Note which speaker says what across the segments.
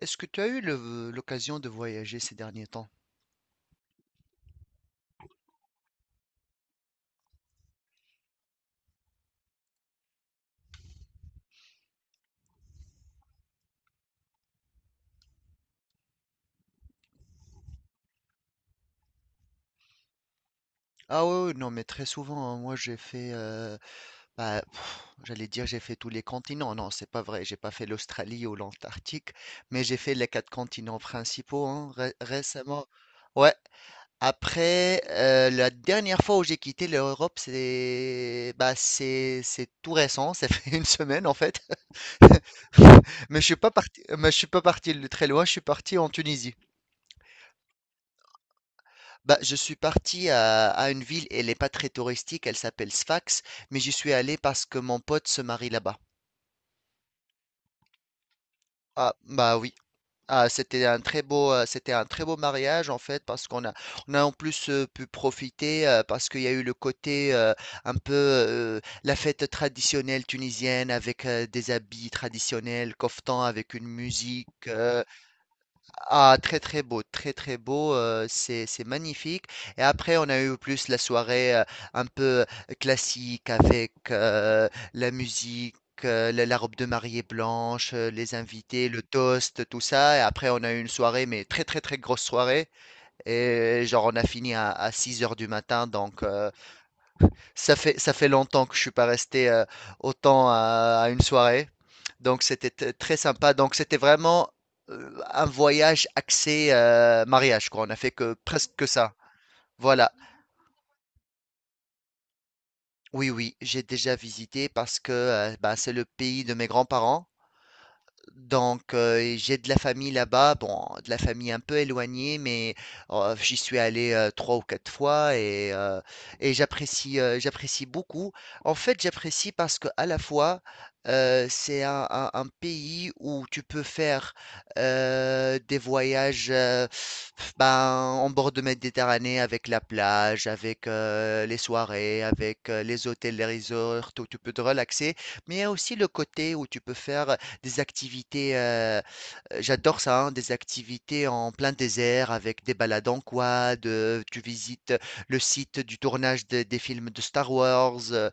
Speaker 1: Est-ce que tu as eu l'occasion de voyager ces derniers temps? Ah ouais, ouais, non, mais très souvent, hein, moi j'ai fait, j'allais dire j'ai fait tous les continents. Non, c'est pas vrai, j'ai pas fait l'Australie ou l'Antarctique, mais j'ai fait les quatre continents principaux hein, récemment. Ouais. Après, la dernière fois où j'ai quitté l'Europe, c'est tout récent. Ça fait une semaine en fait. Mais je suis pas parti de très loin. Je suis parti en Tunisie. Bah, je suis parti à une ville, elle n'est pas très touristique, elle s'appelle Sfax, mais j'y suis allé parce que mon pote se marie là-bas. Ah, bah oui. Ah, c'était un très beau mariage en fait, on a en plus pu profiter, parce qu'il y a eu le côté un peu la fête traditionnelle tunisienne avec des habits traditionnels, koftan avec une musique. Ah, très très beau, c'est magnifique. Et après, on a eu plus la soirée un peu classique avec la musique, la robe de mariée blanche, les invités, le toast, tout ça. Et après, on a eu une soirée, mais très très très grosse soirée. Et genre, on a fini à 6 heures du matin, donc ça fait longtemps que je suis pas resté autant à une soirée. Donc c'était très sympa. Donc c'était vraiment un voyage axé mariage, quoi. On a fait que presque que ça. Voilà. Oui, oui, j'ai déjà visité parce que c'est le pays de mes grands-parents. Donc, j'ai de la famille là-bas, bon, de la famille un peu éloignée, mais j'y suis allé trois ou quatre fois et j'apprécie beaucoup. En fait, j'apprécie parce que à la fois, un pays où tu peux faire des voyages ben, en bord de Méditerranée avec la plage, avec les soirées, avec les hôtels, les resorts, où tu peux te relaxer, mais il y a aussi le côté où tu peux faire des activités, j'adore ça, hein, des activités en plein désert avec des balades en quad, tu visites le site du tournage des films de Star Wars,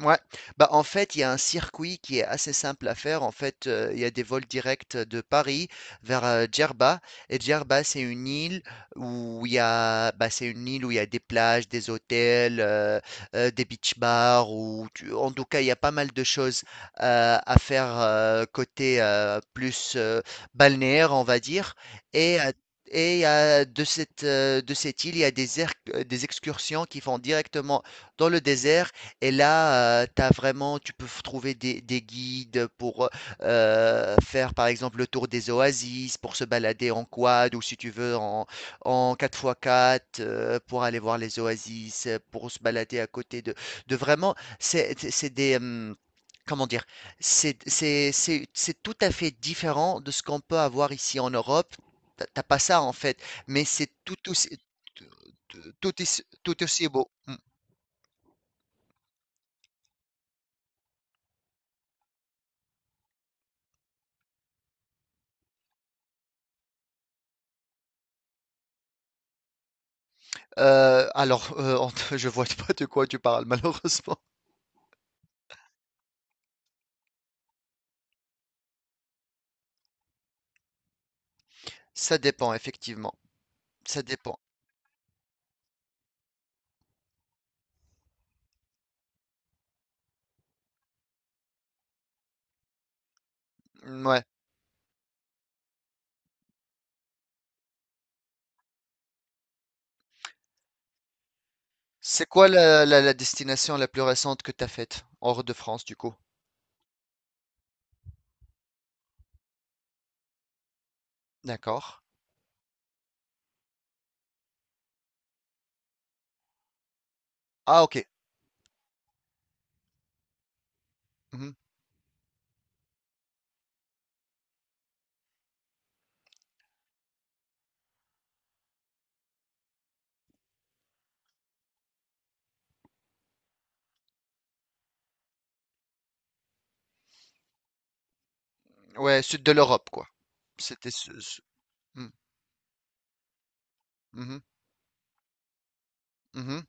Speaker 1: Ouais, bah, en fait, il y a un circuit qui est assez simple à faire. En fait, il y a des vols directs de Paris vers, Djerba et Djerba, c'est une île où il y a c'est une île où il y a des plages, des hôtels, des beach bars ou tu en tout cas, il y a pas mal de choses, à faire, côté, plus, balnéaire, on va dire et heu et il y a de cette île, il y a des excursions qui font directement dans le désert et là, tu peux trouver des guides pour faire par exemple le tour des oasis, pour se balader en quad ou si tu veux en 4x4, pour aller voir les oasis, pour se balader à côté de vraiment, c'est des... comment dire, c'est tout à fait différent de ce qu'on peut avoir ici en Europe. T'as pas ça en fait, mais c'est tout aussi, tout, tout aussi beau. Mm. Alors, en je vois pas de quoi tu parles malheureusement. Ça dépend effectivement, ça dépend. Mmh, ouais. C'est quoi la destination la plus récente que tu as faite? Hors de France du coup? D'accord. Ah OK. Mmh. Ouais, sud de l'Europe quoi. C'était ce ce mmh. Mmh mh. Mmh.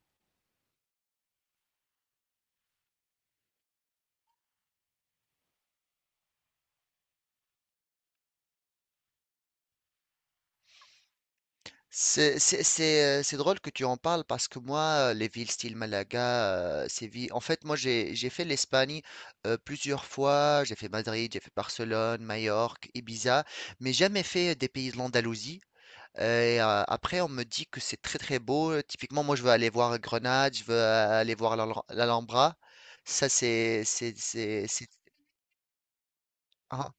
Speaker 1: C'est drôle que tu en parles parce que moi, les villes style Malaga, Séville, en fait, moi, j'ai fait l'Espagne plusieurs fois. J'ai fait Madrid, j'ai fait Barcelone, Majorque, Ibiza, mais jamais fait des pays de l'Andalousie. Et après, on me dit que c'est très très beau. Typiquement, moi, je veux aller voir Grenade, je veux aller voir l'Alhambra. Ça, c'est- ah,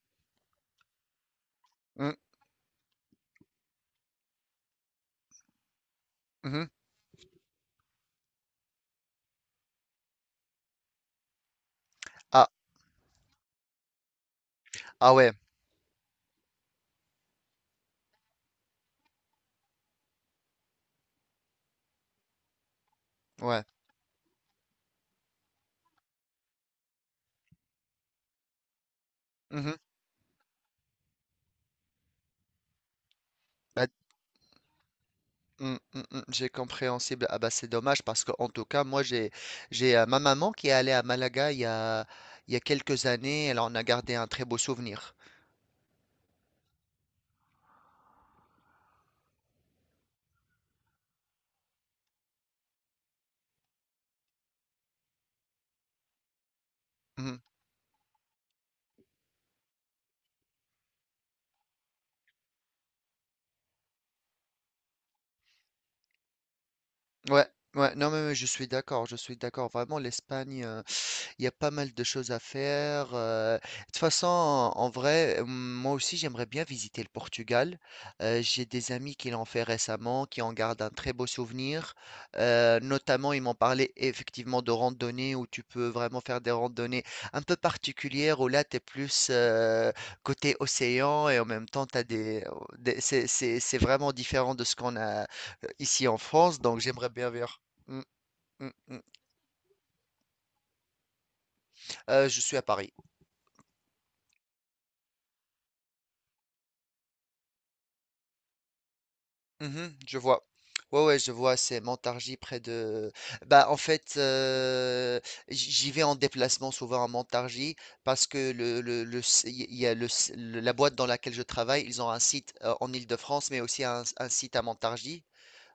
Speaker 1: mhm, mhm. Ah, ah ouais, ouais. Mhm. Bah, mm, mm, mm, j'ai compréhensible. Ah bah c'est dommage parce que en tout cas moi j'ai ma maman qui est allée à Malaga il y a quelques années. Elle en a gardé un très beau souvenir. Mhm. Ouais ouais non mais mais je suis d'accord vraiment l'Espagne. Il y a pas mal de choses à faire. De toute façon, en vrai, moi aussi, j'aimerais bien visiter le Portugal. J'ai des amis qui l'ont fait récemment, qui en gardent un très beau souvenir. Notamment, ils m'ont parlé effectivement de randonnées où tu peux vraiment faire des randonnées un peu particulières, où là, tu es plus côté océan et en même temps, c'est, c'est vraiment différent de ce qu'on a ici en France. Donc, j'aimerais bien voir. Mm, mm, mm. Je suis à Paris. Mhm, je vois. Ouais, ouais, je vois, c'est Montargis près de... Bah, en fait, j'y vais en déplacement souvent à Montargis parce que il y a la boîte dans laquelle je travaille, ils ont un site en Île-de-France, mais aussi un site à Montargis.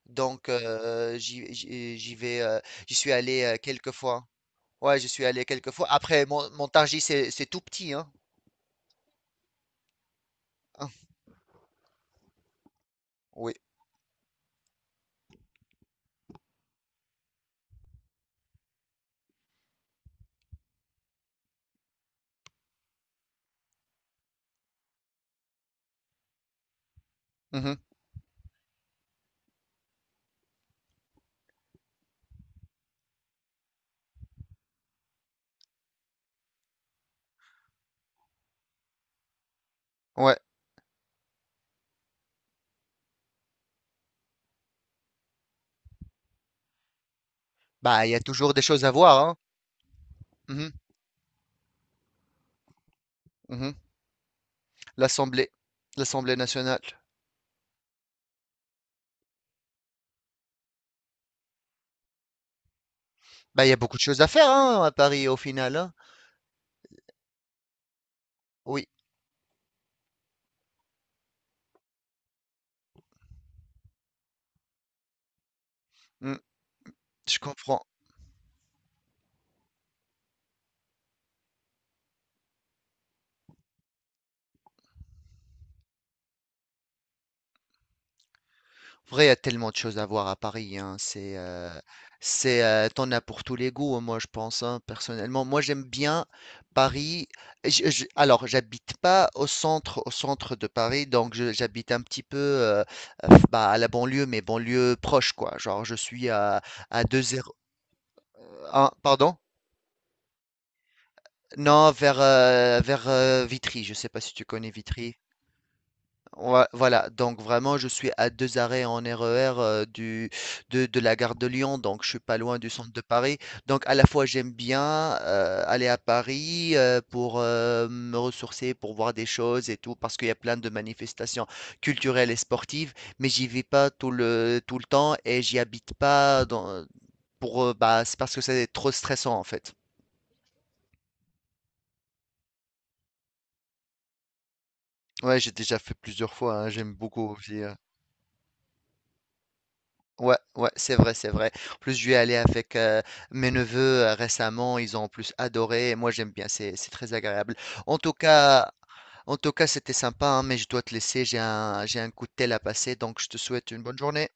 Speaker 1: Donc, j'y vais, j'y suis allé quelques fois. Ouais, j'y suis allé quelques fois. Après, Montargis, c'est tout petit, hein. Hein, oui. Mhm, ouais. Bah, il y a toujours des choses à voir, hein. Mhm, mhm. L'Assemblée, l'Assemblée nationale. Bah, il y a beaucoup de choses à faire hein, à Paris au final. Hein. Oui, mm, je comprends. En vrai, il y a tellement de choses à voir à Paris. Hein, c'est, c'est, t'en as pour tous les goûts. Hein, moi, je pense hein, personnellement. Moi, j'aime bien Paris. Alors, j'habite pas au centre, au centre de Paris, donc j'habite un petit peu à la banlieue, mais banlieue proche, quoi. Genre, je suis à deux zéro un pardon? Non, vers, vers Vitry, je sais pas si tu connais Vitry. Ouais, voilà, donc vraiment, je suis à deux arrêts en RER de la gare de Lyon, donc je suis pas loin du centre de Paris. Donc à la fois, j'aime bien aller à Paris pour me ressourcer, pour voir des choses et tout, parce qu'il y a plein de manifestations culturelles et sportives, mais j'y vais pas tout le temps et j'y habite pas dans, pour, c'est parce que c'est trop stressant en fait. Ouais, j'ai déjà fait plusieurs fois, hein, j'aime beaucoup aussi. Ouais, ouais, c'est vrai, c'est vrai. En plus, je suis allé avec mes neveux récemment, ils ont en plus adoré, et moi j'aime bien, c'est très agréable. En tout cas, en tout cas, c'était sympa, hein, mais je dois te laisser, j'ai un coup de tel à passer, donc je te souhaite une bonne journée.